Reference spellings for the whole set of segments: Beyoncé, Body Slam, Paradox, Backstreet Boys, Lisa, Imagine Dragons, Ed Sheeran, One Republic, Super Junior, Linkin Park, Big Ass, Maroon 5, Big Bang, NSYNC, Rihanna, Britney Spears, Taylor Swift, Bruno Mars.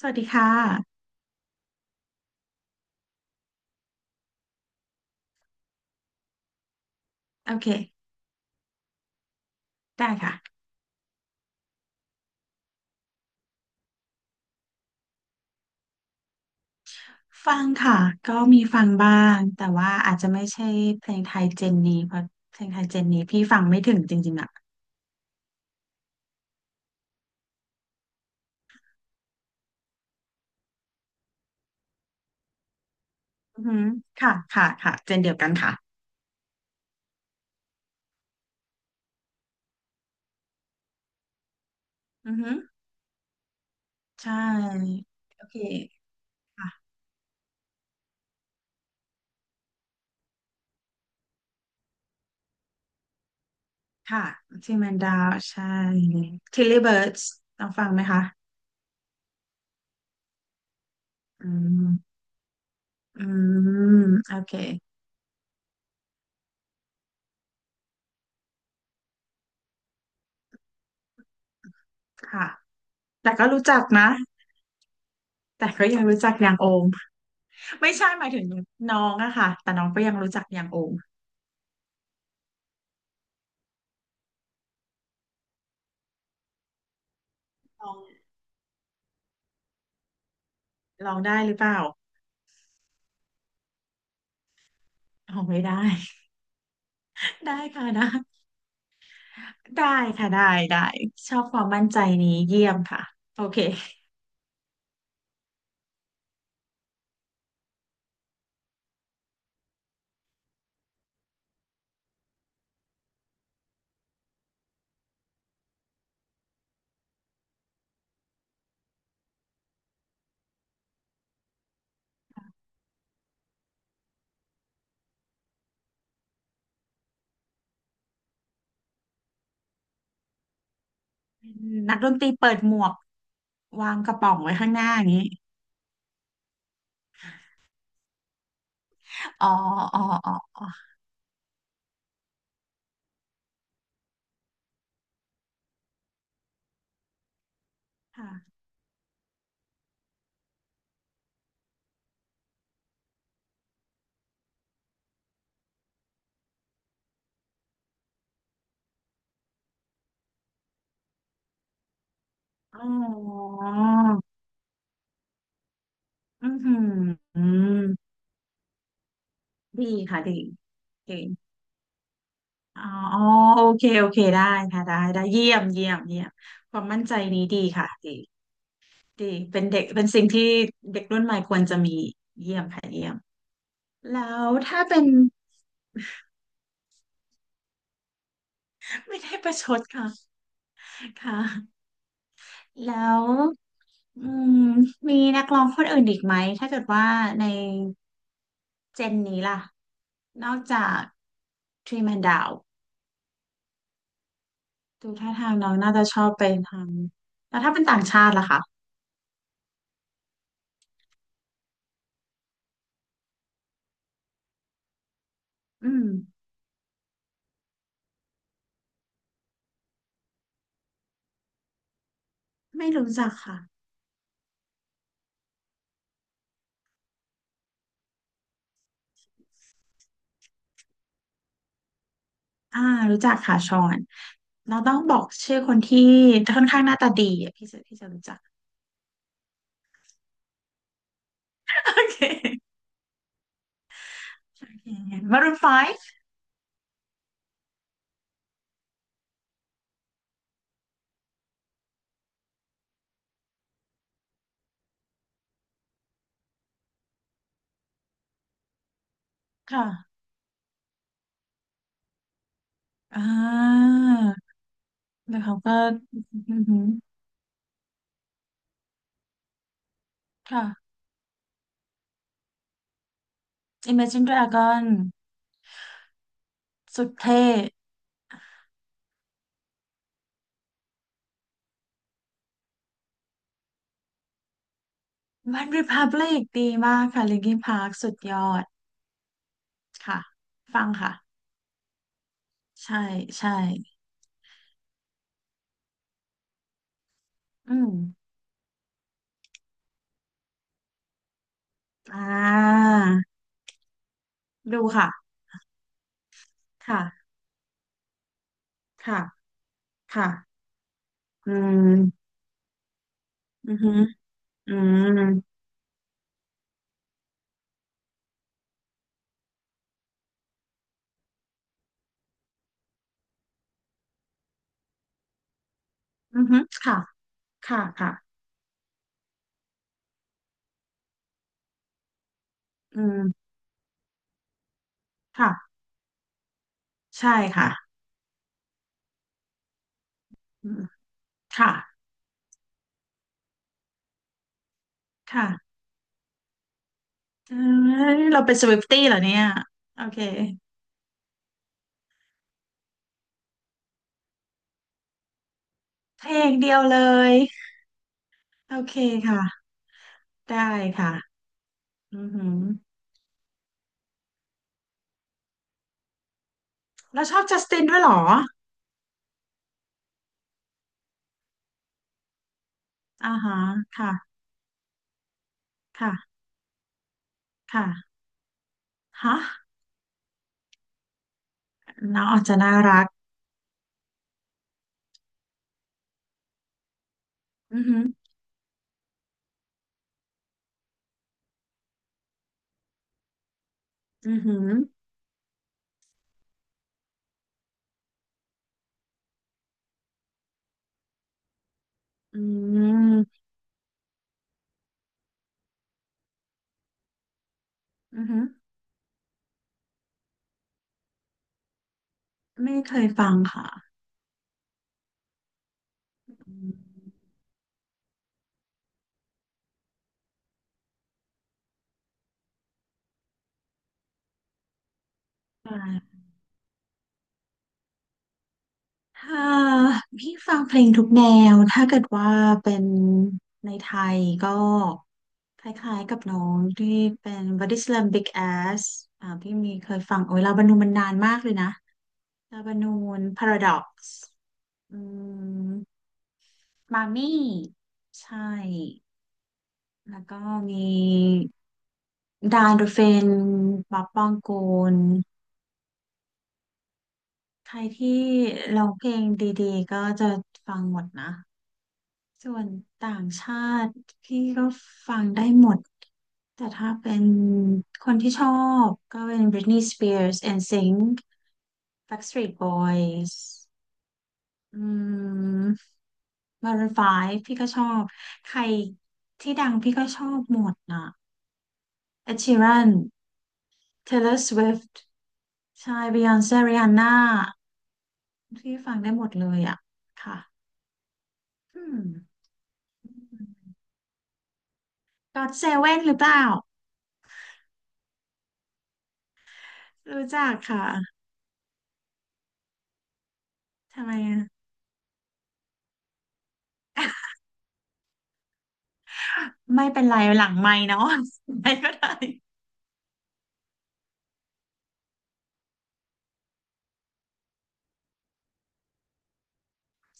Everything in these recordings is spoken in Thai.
สวัสดีค่ะโอเคได้ค่ะฟังค่ะก็มีฟังบ้างแต่ว่าอาจจะไม่ใช่เพลงไทยเจนนี้เพราะเพลงไทยเจนนี้พี่ฟังไม่ถึงจริงๆอ่ะอือหือค่ะค่ะค่ะเจนเดียวกันค่ะอือหือใช่โอเคค่ะค่ะทีแมนดาวใช่ทิลลี่เบิร์ดส์ลองฟังไหมคะอืมอืมโอเคค่ะแต่ก็รู้จักนะแต่ก็ยังรู้จักอย่างโอมไม่ใช่หมายถึงน้องอะค่ะแต่น้องก็ยังรู้จักอย่างโอม ลองลองได้หรือเปล่าลองไม่ได้ ได้ค่ะได้ได้ค่ะได้ได้ ชอบความมั่นใจนี้เยี่ยมค่ะโอเคนักดนตรีเปิดหมวกวางกระป๋องไว้ข้างหน้าอย่างนี้ อ๋ออ๋ออ๋ออ๋อค่ะอ๋ออือหืออืมดีค่ะดีดีอ๋ออ๋อโอเคโอเค ได้ค่ะได้ได้เยี่ยมเยี่ยมเยี่ยม ความมั่นใจนี้ดีค่ะดีดีเป็นเด็กเป็นสิ่งที่เด็กรุ่นใหม่ควรจะมีเยี่ยมค่ะเยี่ยม แล้วถ้าเป็น ไม่ได้ประชดค่ะค่ะแล้วอืมมีนักร้องคนอื่นอีกไหมถ้าเกิดว่าในเจนนี้ล่ะนอกจากทรีแมนดาวดูท่าทางน้องน่าจะชอบไปทางแล้วถ้าเป็นต่างชาติล่ะคะอืมไม่รู้จักค่ะอ่ารู้จักค่ะชอนเราต้องบอกชื่อคนที่ค่อนข้างหน้าตาดีอะพี่จะรู้จัก โอเคโอเคมารูนไฟว์ค่ะอ่า แล้วเขาก็อือหือค่ะ Imagine Dragon สุดเท่ One Republic ดีมากค่ะ Linkin Park สุดยอดค่ะฟังค่ะใช่ใช่อืมอ่าดูค่ะค่ะค่ะค่ะอืมอือหืออืมอือหือค่ะค่ะค่ะอืมค่ะใช่ค่ะอืมค่ะค่ะเอ้ยเราเป็นสวิฟตี้เหรอเนี่ยโอเคเพลงเดียวเลย โอเคค่ะ ได้ค่ะอือหือแล้วชอบจัสตินด้วยเหรออ่าฮะค่ะ ค่ะ ค่ะฮะน้องอาจจะน่ารักอือหืออือหืออืมอือหือไม่เคยฟังค่ะอืมค่ะถ้าพี่ฟังเพลงทุกแนว ถ้าเกิดว่าเป็นในไทยก็คล้ายๆกับน้องที่เป็น Body Slam Big Ass อ่าพี่มีเคยฟังโอ้ยลาบานูนมันนานมากเลยนะลาบานูน Paradox อืมมามี่ใช่แล้วก็มีดานดูเฟนป๊อปปองกูลใครที่ร้องเพลงดีๆก็จะฟังหมดนะส่วนต่างชาติพี่ก็ฟังได้หมดแต่ถ้าเป็นคนที่ชอบก็เป็น Britney Spears NSYNC Backstreet Boys อืม Maroon ไฟว์พี่ก็ชอบใครที่ดังพี่ก็ชอบหมดน่ะ Ed Sheeran Taylor Swift ใช่ Beyonce Rihanna พี่ฟังได้หมดเลยอ่ะค่ะอืมก็อ o เซเว e นหรือเปล่ารู้จักค่ะทำไมอะ ไม่เป็นไรหลังไมค์เนาะ ไม่ก็ได้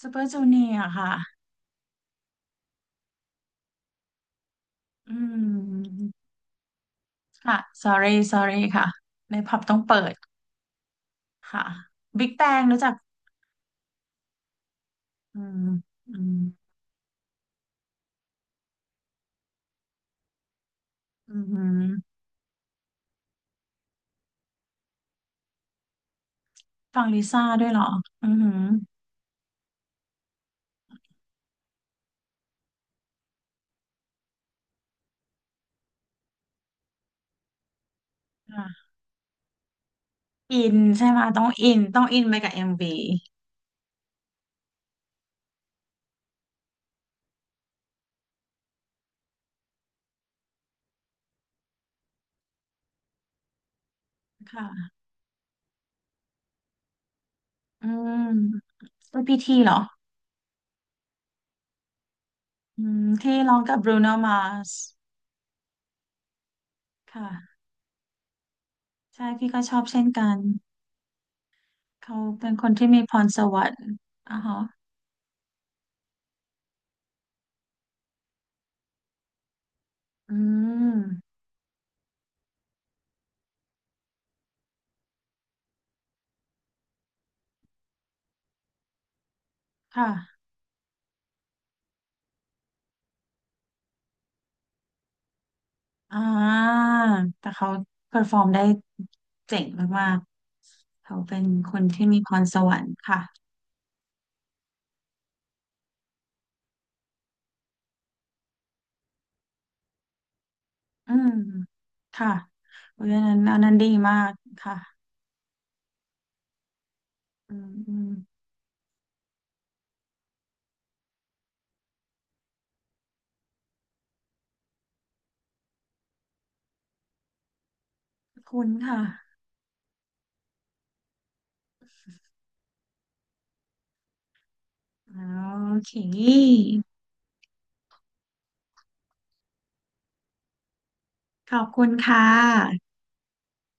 Super Junior ค่ะอืมค่ะ sorry sorry ค่ะในผับต้องเปิดค่ะ Big Bang รู้จักอืมอืมอืม ฟังลิซ่าด้วยเหรออือหือค่ะอินใช่ไหมต้องอินต้องอินไปกับเอ็มวีค่ะอืมก็พีทีเหรออืมที่ร้องกับบรูโนมาสค่ะใช่พี่ก็ชอบเช่นกันเขาเป็นคนที่มีพรสวรรค์อ่ะฮะอืมค่ะอ่าแต่เขาเ e อร์ฟอร์มได้เจ๋งมากๆเขาเป็นคนที่มีพรสวรรค์ค่ะอืมค่ะเพรานั้นอันนั้นดีมากค่ะ อืมอืมขอบคุณค่ะอ๋อโอเคขอบคุณค่ะ